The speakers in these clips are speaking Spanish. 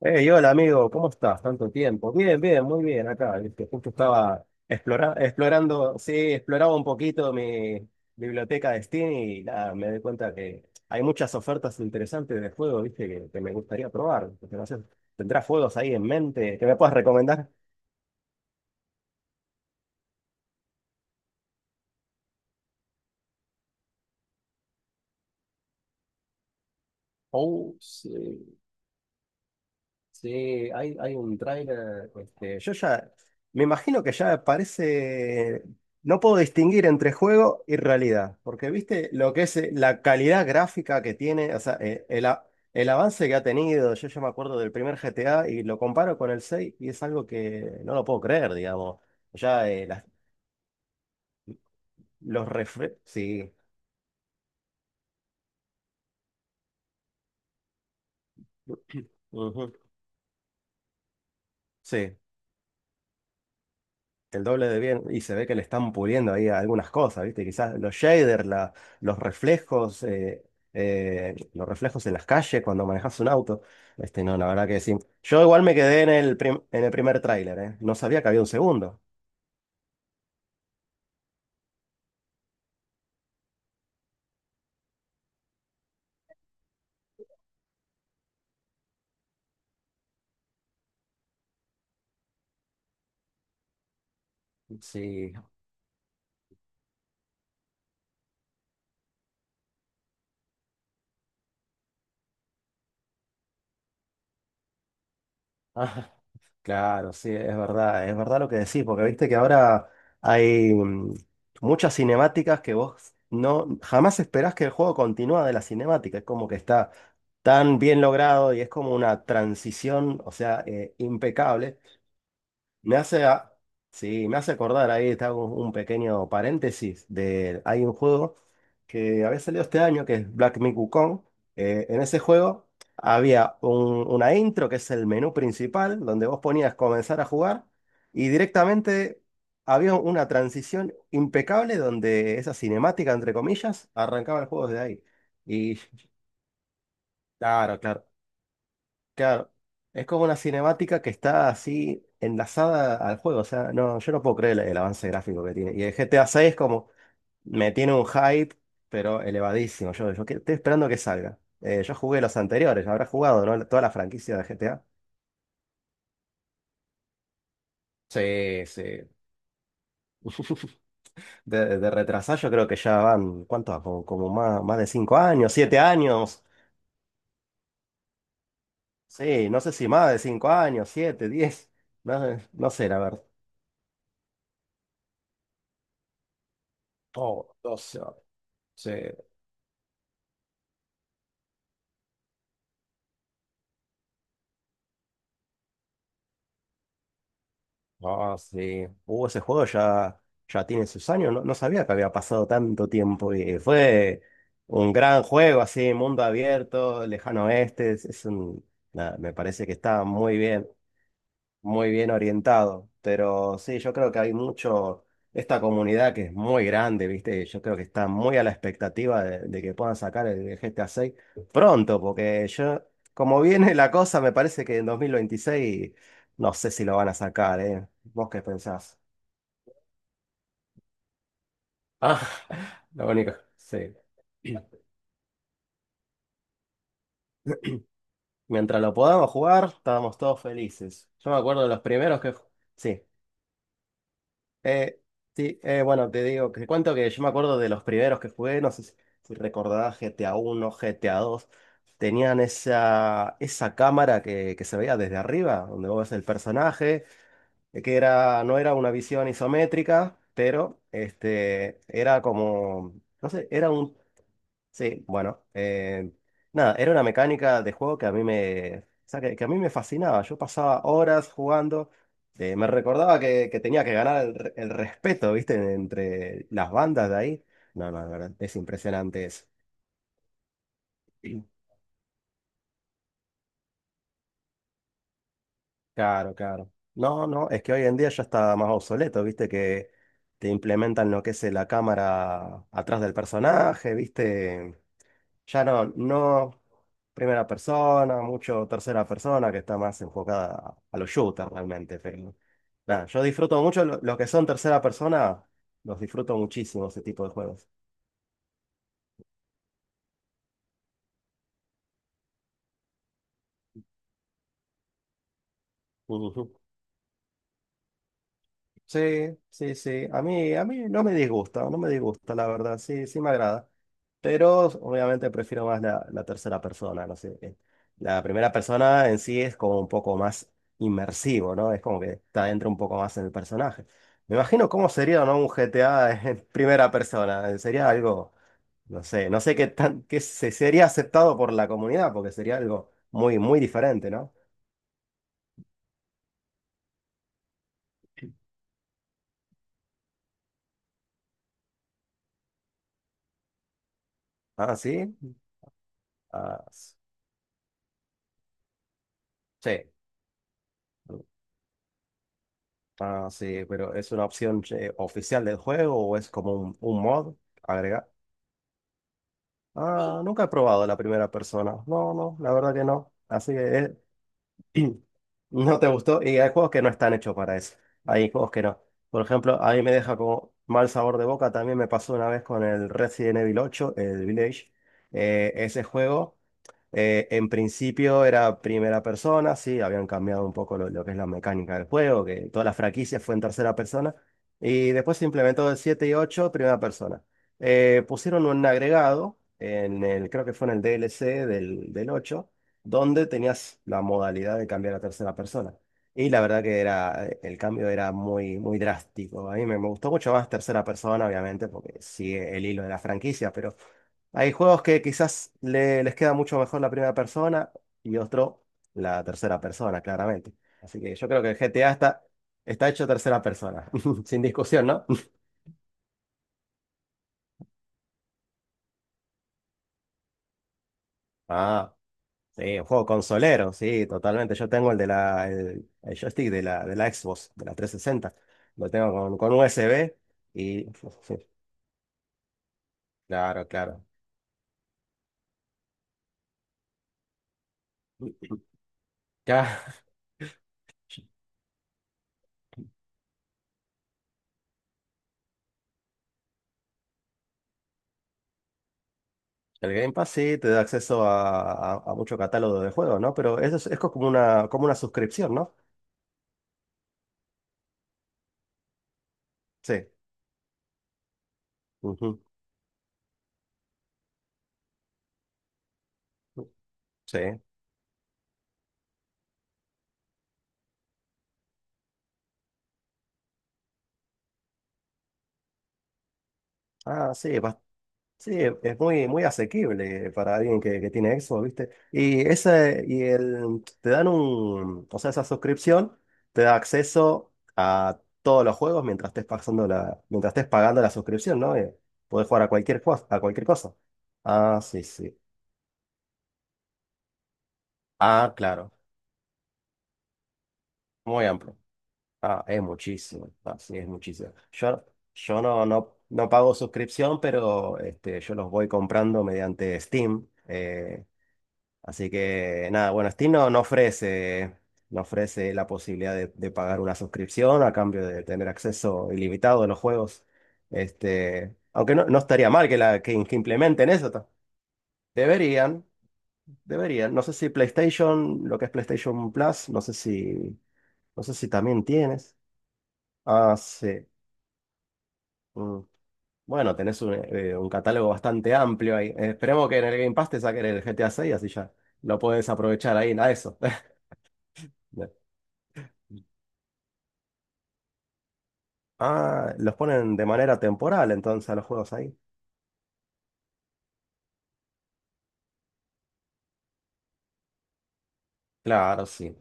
Hey, hola amigo, ¿cómo estás? Tanto tiempo. Bien, bien, muy bien acá. Viste, justo estaba explorando, sí, exploraba un poquito mi biblioteca de Steam y nada, me doy cuenta que hay muchas ofertas interesantes de juegos, ¿viste? Que me gustaría probar. Porque no sé, ¿tendrás juegos ahí en mente que me puedas recomendar? Oh, sí. Sí, hay un tráiler, este, yo ya, me imagino que ya parece, no puedo distinguir entre juego y realidad, porque viste lo que es la calidad gráfica que tiene, o sea, el avance que ha tenido. Yo ya me acuerdo del primer GTA y lo comparo con el 6 y es algo que no lo puedo creer, digamos, ya sí, ujú, sí. El doble de bien, y se ve que le están puliendo ahí algunas cosas, ¿viste? Quizás los shaders, los reflejos, eh, los reflejos en las calles cuando manejas un auto. Este, no, la verdad que sí. Yo igual me quedé en el, en el primer tráiler, ¿eh? No sabía que había un segundo. Sí, ah, claro, sí, es verdad lo que decís, porque viste que ahora hay muchas cinemáticas que vos no jamás esperás que el juego continúa de la cinemática, es como que está tan bien logrado y es como una transición, o sea, impecable. Me hace, a- sí, me hace acordar, ahí está un pequeño paréntesis, de, hay un juego que había salido este año, que es Black Myth Wukong. En ese juego una intro, que es el menú principal, donde vos ponías comenzar a jugar, y directamente había una transición impecable donde esa cinemática, entre comillas, arrancaba el juego desde ahí. Y claro, claro. Claro, es como una cinemática que está así enlazada al juego. O sea, no, yo no puedo creer el avance gráfico que tiene. Y el GTA 6 como me tiene un hype, pero elevadísimo. Yo, estoy esperando que salga. Yo jugué los anteriores, habrá jugado, ¿no? Toda la franquicia de GTA. Sí, sí. De retrasar yo creo que ya van, ¿cuánto va? Como más de 5 años, 7 años. Sí, no sé si más de 5 años, 7, 10. No, no sé, la verdad. Oh, 12. Sí. Ah, sí. Ese juego ya, ya tiene sus años. No, no sabía que había pasado tanto tiempo. Y fue un gran juego, así, mundo abierto, lejano oeste. Es un, nada, me parece que está muy bien, muy bien orientado. Pero sí, yo creo que hay mucho, esta comunidad que es muy grande, ¿viste? Yo creo que está muy a la expectativa de que puedan sacar el GTA 6 pronto, porque yo, como viene la cosa, me parece que en 2026 no sé si lo van a sacar, ¿eh? ¿Vos qué pensás? Ah, lo único, sí. Mientras lo podamos jugar, estábamos todos felices. Yo me acuerdo de los primeros que... Sí. Eh, sí, bueno, te digo, te cuento que yo me acuerdo de los primeros que jugué, no sé si recordás GTA 1, GTA dos, tenían esa, esa cámara que se veía desde arriba, donde vos ves el personaje, que era, no era una visión isométrica, pero este, era como, no sé, era un. Sí, bueno, nada, era una mecánica de juego que a mí me, o sea, que a mí me fascinaba. Yo pasaba horas jugando, me recordaba que tenía que ganar el respeto, ¿viste? Entre las bandas de ahí. No, no, la verdad, es impresionante eso. Claro, claro. No, no, es que hoy en día ya está más obsoleto, ¿viste? Que te implementan lo que es la cámara atrás del personaje, ¿viste? Ya no, no primera persona, mucho tercera persona, que está más enfocada a los shooters realmente. Pero nada, yo disfruto mucho los que son tercera persona, los disfruto muchísimo ese tipo de juegos. Ujú. Sí, sí, sí. A mí no me disgusta, no me disgusta, la verdad. Sí, sí me agrada. Pero obviamente prefiero más la tercera persona, no sé. La primera persona en sí es como un poco más inmersivo, ¿no? Es como que está dentro un poco más en el personaje. Me imagino cómo sería, ¿no? Un GTA en primera persona. Sería algo, no sé, no sé qué tan, qué se sería aceptado por la comunidad, porque sería algo muy, muy diferente, ¿no? Ah, sí. Ah, sí. Ah, sí, pero ¿es una opción oficial del juego o es como un mod agregar? Ah, sí. Nunca he probado la primera persona. No, no, la verdad que no. Así que eh, no te gustó. Y hay juegos que no están hechos para eso. Hay juegos que no. Por ejemplo, ahí me deja como mal sabor de boca. También me pasó una vez con el Resident Evil ocho, el Village. Ese juego. En principio era primera persona, sí, habían cambiado un poco lo que es la mecánica del juego, que toda la franquicia fue en tercera persona, y después se implementó el 7 y 8 primera persona. Pusieron un agregado, en el, creo que fue en el DLC del, del 8 donde tenías la modalidad de cambiar a tercera persona. Y la verdad que era, el cambio era muy, muy drástico. A mí me gustó mucho más tercera persona, obviamente, porque sigue el hilo de la franquicia, pero... Hay juegos que quizás les queda mucho mejor la primera persona y otro la tercera persona, claramente. Así que yo creo que el GTA está hecho tercera persona, sin discusión, ¿no? Ah, sí, un juego consolero, sí, totalmente. Yo tengo el de la, el joystick de la Xbox, de la 360. Lo tengo con USB y... Claro, claro. Ya, el Game Pass sí te da acceso a mucho catálogo de juegos, ¿no? Pero eso es como una suscripción, ¿no? Sí. Ujú. Sí. Ah, sí, sí, es muy, muy asequible para alguien que tiene Xbox, ¿viste? Y ese, y el, te dan un, o sea, esa suscripción te da acceso a todos los juegos mientras estés pasando la, mientras estés pagando la suscripción, ¿no? Podés jugar a cualquier cosa, a cualquier cosa. Ah, sí, sí. Ah, claro. Muy amplio. Ah, es muchísimo. Ah, sí, es muchísimo. Yo, yo no pago suscripción, pero este, yo los voy comprando mediante Steam. Así que nada, bueno, Steam no ofrece la posibilidad de pagar una suscripción a cambio de tener acceso ilimitado a los juegos. Este, aunque no estaría mal que, que implementen eso. Ta- Deberían, deberían. No sé si PlayStation, lo que es PlayStation Plus, no sé si, no sé si también tienes. Ah, sí. Mm. Bueno, tenés un catálogo bastante amplio ahí. Esperemos que en el Game Pass te saquen el GTA 6, así ya lo puedes aprovechar ahí a eso. Ah, los ponen de manera temporal entonces a los juegos ahí. Claro, sí.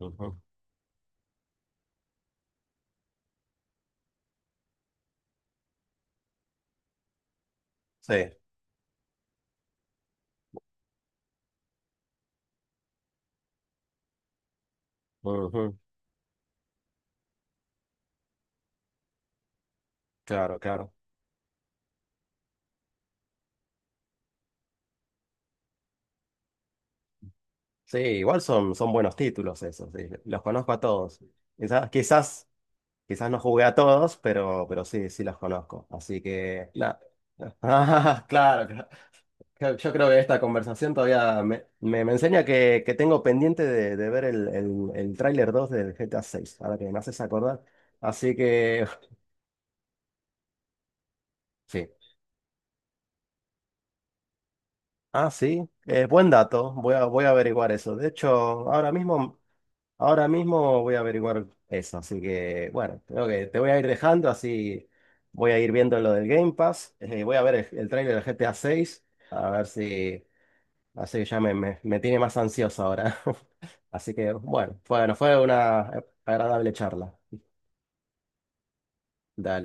Ujú. Sí, ujú, claro, claro. Sí, igual son, son buenos títulos esos, sí, los conozco a todos. Quizás, quizás, quizás no jugué a todos, pero sí, sí los conozco. Así que, la- Ah, claro, claro. Creo- Yo creo que esta conversación todavía me enseña que tengo pendiente de ver el tráiler 2 del GTA seis, ahora que me haces acordar. Así que, sí. Ah, sí, buen dato, voy a averiguar eso. De hecho, ahora mismo, ahora mismo voy a averiguar eso, así que bueno, creo que te voy a ir dejando, así voy a ir viendo lo del Game Pass, voy a ver el tráiler del GTA seis a ver si, así que ya me tiene más ansioso ahora. Así que bueno, bueno, fue una agradable charla. Dale.